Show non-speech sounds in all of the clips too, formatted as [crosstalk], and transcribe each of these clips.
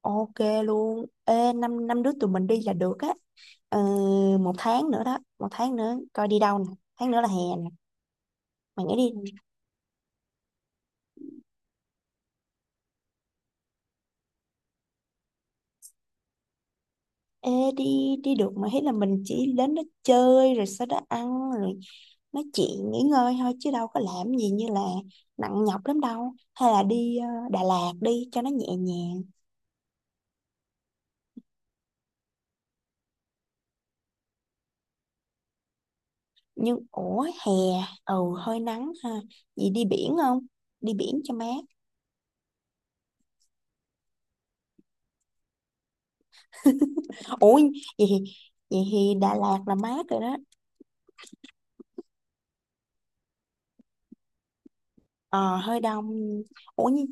Ok luôn. Ê, năm năm đứa tụi mình đi là được á. Ờ, một tháng nữa đó, một tháng nữa coi đi đâu nè. Tháng nữa là hè nè. Mày nghĩ đi, ê, đi đi được mà hết là mình chỉ đến đó chơi rồi sau đó ăn rồi nói chuyện nghỉ ngơi thôi chứ đâu có làm gì như là nặng nhọc lắm đâu. Hay là đi Đà Lạt đi cho nó nhẹ nhàng. Nhưng ủa hè, ừ hơi nắng ha. Vậy đi biển không? Đi biển cho mát. Ủa vậy thì- vậy thì Đà Lạt là mát rồi đó. Ờ, hơi đông. Ủa nhưng...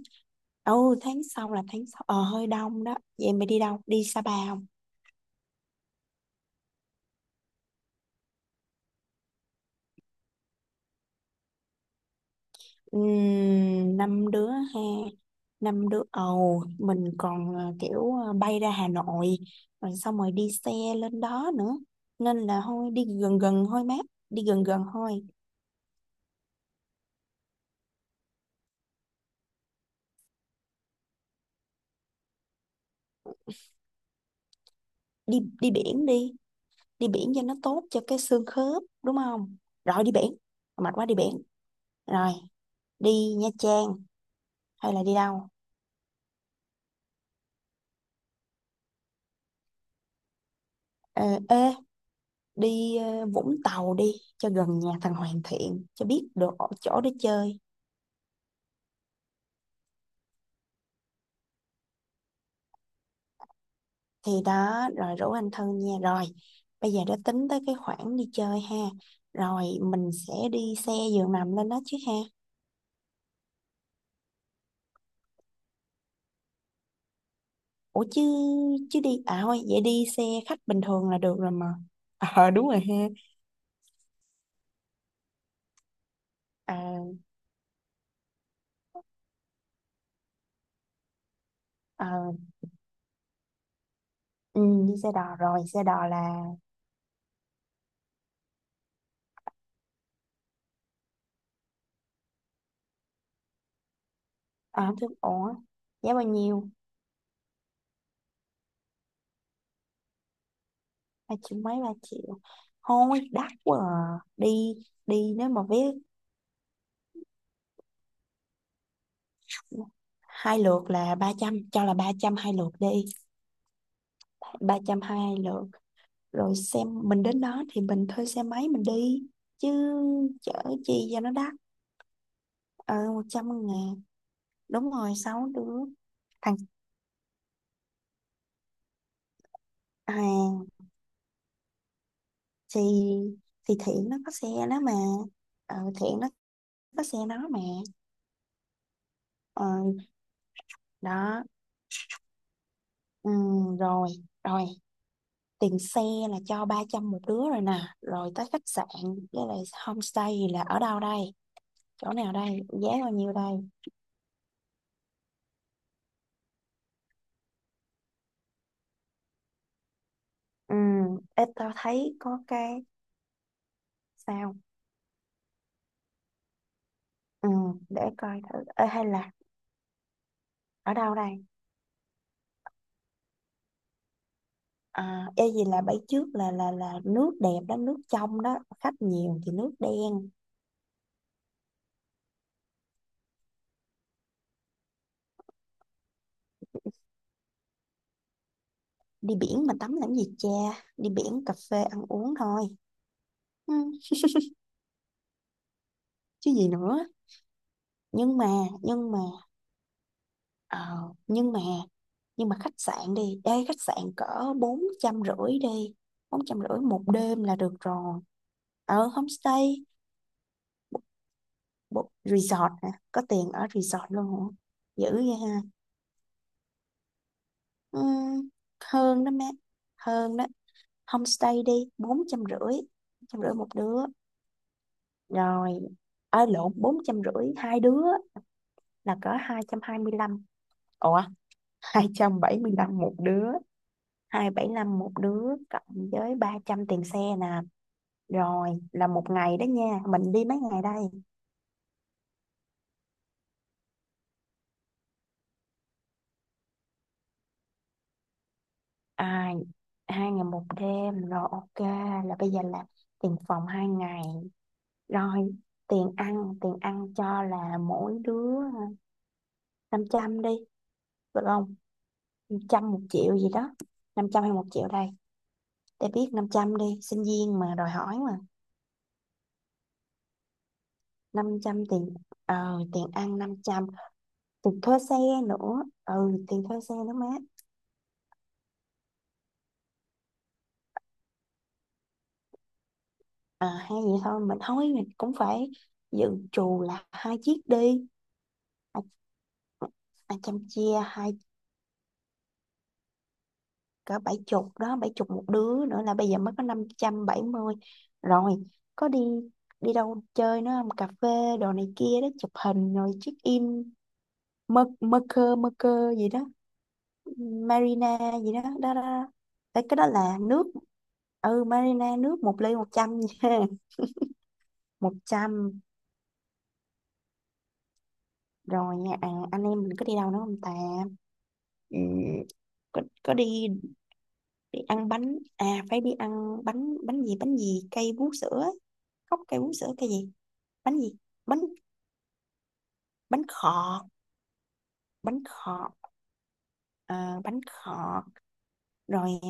Ừ, tháng sau là tháng sau. Ờ, hơi đông đó. Vậy em mày đi đâu? Đi Sapa không? Năm đứa ha. Năm đứa. Ồ, mình còn kiểu bay ra Hà Nội. Rồi xong rồi đi xe lên đó nữa. Nên là thôi, đi gần gần thôi mát. Đi gần gần thôi. Đi. Đi biển cho nó tốt cho cái xương khớp. Đúng không? Rồi đi biển. Mệt quá đi biển. Rồi, đi Nha Trang. Hay là đi đâu? Ờ, ê, đi Vũng Tàu đi cho gần nhà thằng Hoàn Thiện cho biết được ở chỗ để chơi. Thì đó rồi rủ anh thân nha. Rồi bây giờ đã tính tới cái khoản đi chơi ha, rồi mình sẽ đi xe giường nằm lên đó chứ ha. Ủa chứ chứ đi, à thôi vậy đi xe khách bình thường là được rồi mà. [laughs] Ờ đúng rồi ha. À, à, ừ, đi xe đò rồi, xe đò là à thứ. Ủa giá bao nhiêu? Ba triệu mấy, ba triệu thôi đắt quá à. Đi, đi nếu mà vé hai lượt là 300, cho là 300 hai lượt đi. Ba trăm hai lượt. Rồi xem mình đến đó thì mình thuê xe máy mình đi chứ chở chi cho nó đắt. Ờ 100.000. Đúng rồi, sáu đứa, thằng, à, thì thì Thiện nó có xe đó mà. Ờ Thiện nó có xe đó mà. Ờ đó. Ừ, rồi rồi tiền xe là cho 300 một đứa rồi nè, rồi tới khách sạn với lại homestay là ở đâu đây, chỗ nào đây, giá bao nhiêu đây? Ừ, ê tao thấy có cái. Sao? Ừ để coi thử. Ê hay là ở đâu đây? À, ê gì là bãi trước là nước đẹp đó, nước trong đó, khách nhiều thì nước đen. Đi biển mà tắm làm gì cha, đi biển cà phê ăn uống thôi. Ừ. [laughs] Chứ gì nữa. Nhưng mà nhưng mà ờ, nhưng mà nhưng mà khách sạn đi, ê khách sạn cỡ 450 đi, bốn trăm rưỡi một đêm là được rồi. Ở homestay, bộ resort nè, có tiền ở resort luôn hả? Dữ vậy ha. Ừm, hơn đó má, hơn đó. Homestay đi, bốn trăm rưỡi, trăm rưỡi một đứa. Rồi ở lộn, bốn trăm rưỡi hai đứa là cỡ 225. Ủa, 275 một đứa, hai bảy lăm một đứa. Cộng với ba trăm tiền xe nè, rồi là một ngày đó nha. Mình đi mấy ngày đây? À, hai ngày một đêm rồi ok. Là bây giờ là tiền phòng hai ngày, rồi tiền ăn, tiền ăn cho là mỗi đứa 500 đi, được không? Năm trăm, một triệu gì đó, năm trăm hay một triệu đây? Để biết, 500 đi, sinh viên mà đòi hỏi mà. Năm trăm tiền, tiền ăn năm trăm. Tiền thuê xe nữa, ừ tiền thuê xe nữa má. À, hay vậy, thôi mình cũng phải dự trù là hai chiếc đi. Hai, hai trăm chia hai cỡ bảy chục đó, bảy chục một đứa nữa là bây giờ mới có 570. Rồi có đi đi đâu chơi nữa không, cà phê đồ này kia đó, chụp hình rồi check in. Mơ mơ cơ, mơ cơ gì đó, Marina gì đó đó, đó, đó. Đấy, cái đó là nước, ừ Marina nước một ly 100 nha. [laughs] Một trăm. Rồi à, anh em mình có đi đâu nữa không ta? Ừ, có đi, đi ăn bánh. À phải đi ăn bánh, bánh gì, bánh gì cây vú sữa á, cốc cây vú sữa cây gì, bánh gì, bánh bánh khọt. Bánh khọt à, bánh khọt. Rồi à,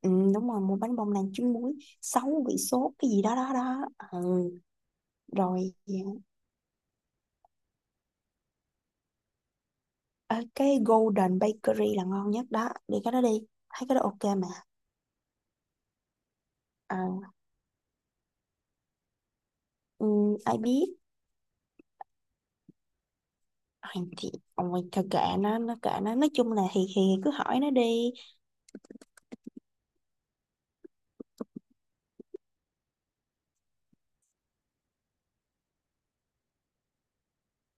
ừ, đúng rồi, mua bánh bông lan trứng muối sáu vị sốt cái gì đó đó đó. Ừ. Rồi à, cái Golden Bakery là ngon nhất đó, đi cái đó đi, thấy cái đó ok mà. À, ừ, ai biết. Ai thì ôi, thôi kệ nó kệ nó, nói chung là thì cứ hỏi nó đi.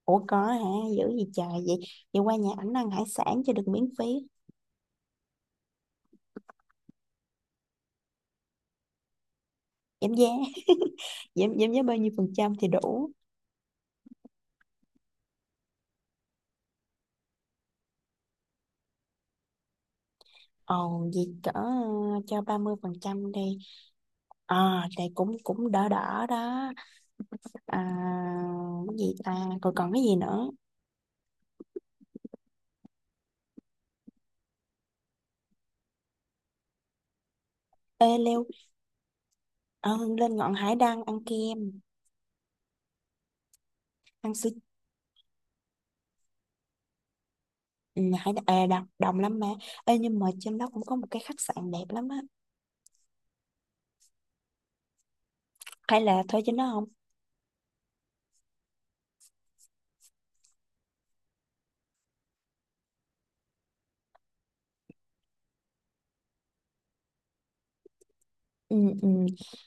Ủa có hả? Dữ gì trời vậy. Vậy qua nhà ảnh ăn hải sản cho được miễn phí. Giảm giá. [laughs] giảm giảm giá bao nhiêu phần trăm thì đủ? Ồ vậy cỡ cho 30% đi. Ờ thì cũng cũng đỡ đỡ đó. À, cái gì ta, còn còn cái gì nữa? Ê leo, ờ, lên ngọn hải đăng ăn kem, ăn sữa. Ừ, đồng, đồng lắm mà. Ê nhưng mà trên đó cũng có một cái khách sạn đẹp lắm á, hay là thuê trên đó không? Ừ, ừ.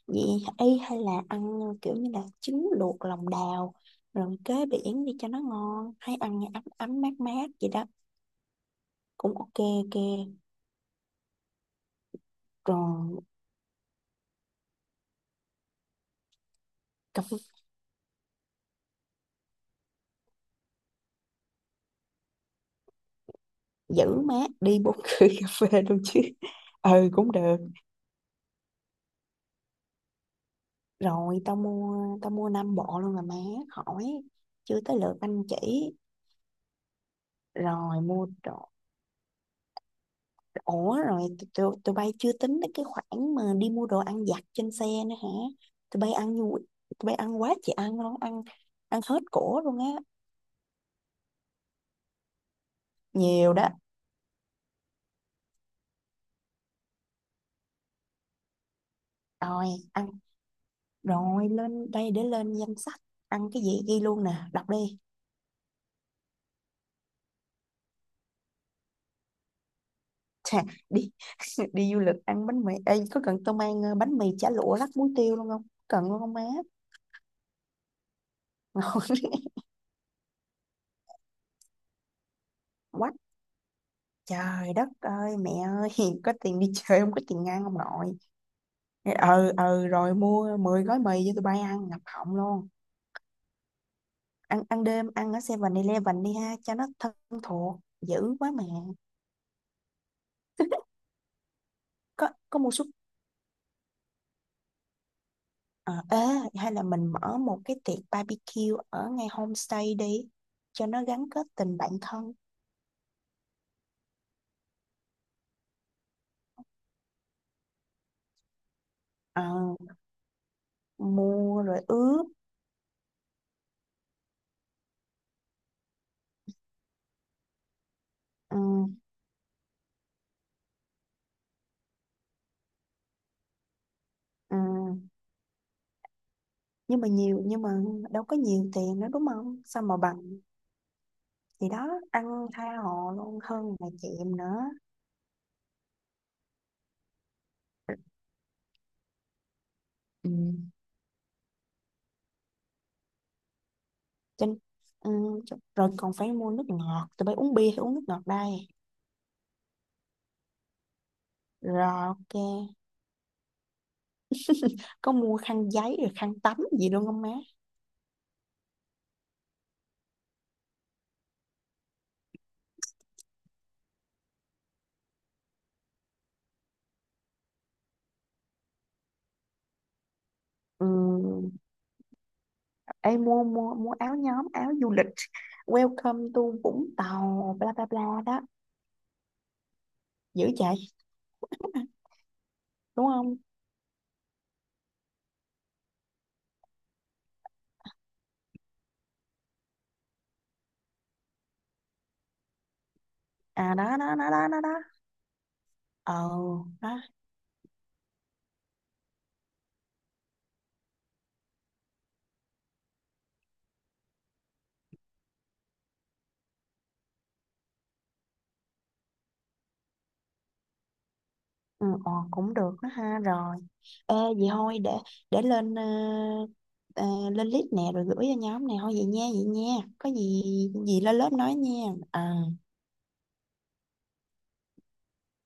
Vậy hay là ăn kiểu như là trứng luộc lòng đào rồi kế biển đi cho nó ngon, hay ăn ấm ấm mát mát vậy đó. Cũng ok ok. Rồi cà phê. Giữ mát, đi bốn [laughs] cây cà phê luôn chứ. Ừ cũng được. Rồi tao mua năm bộ luôn là má, khỏi, chưa tới lượt anh chỉ, rồi mua. Ủa rồi tụi bay chưa tính đến cái khoản mà đi mua đồ ăn vặt trên xe nữa hả? Tụi bay tụi bay ăn quá chị ăn luôn, ăn ăn hết cổ luôn á, nhiều đó. Rồi, ăn, rồi lên đây để lên danh sách, ăn cái gì ghi luôn nè, đọc đi. Chà, đi [laughs] đi du lịch ăn bánh mì. Ê, có cần tôi mang bánh mì chả lụa rắc muối tiêu luôn không? Cần luôn không má? [laughs] Ngon. Quá trời đất ơi, mẹ ơi. [laughs] Có tiền đi chơi không có tiền ăn không nội. Ừ ừ, rồi mua 10 gói mì cho tụi bay ăn ngập họng luôn. Ăn ăn đêm, ăn ở 7-Eleven đi ha, cho nó thân thuộc dữ quá mẹ. Có mua súp, à, ê, hay là mình mở một cái tiệc barbecue ở ngay homestay đi cho nó gắn kết tình bạn thân. Ờ, mua rồi ướp. Ừ, ừ. Nhưng mà nhiều, nhưng mà đâu có nhiều tiền nữa đúng không, sao mà bằng. Thì đó, ăn tha hồ luôn hơn là chịu nữa. Ừ. Cho, nên, ừ, rồi còn phải mua nước ngọt, tụi bay uống bia hay uống nước ngọt đây? Rồi ok. Có mua khăn giấy rồi khăn tắm gì luôn không má? Ừ, ê mua mua mua áo nhóm, áo du lịch welcome to Vũng Tàu bla bla bla đó, dữ chạy, đúng không? À đó đó đó đó đó đó. Ờ đó. Ừ, cũng được đó ha. Rồi ê vậy thôi, để lên ờ, lên list nè rồi gửi cho nhóm, này thôi vậy nha vậy nha. Có gì gì lên lớp nói nha. Ờ.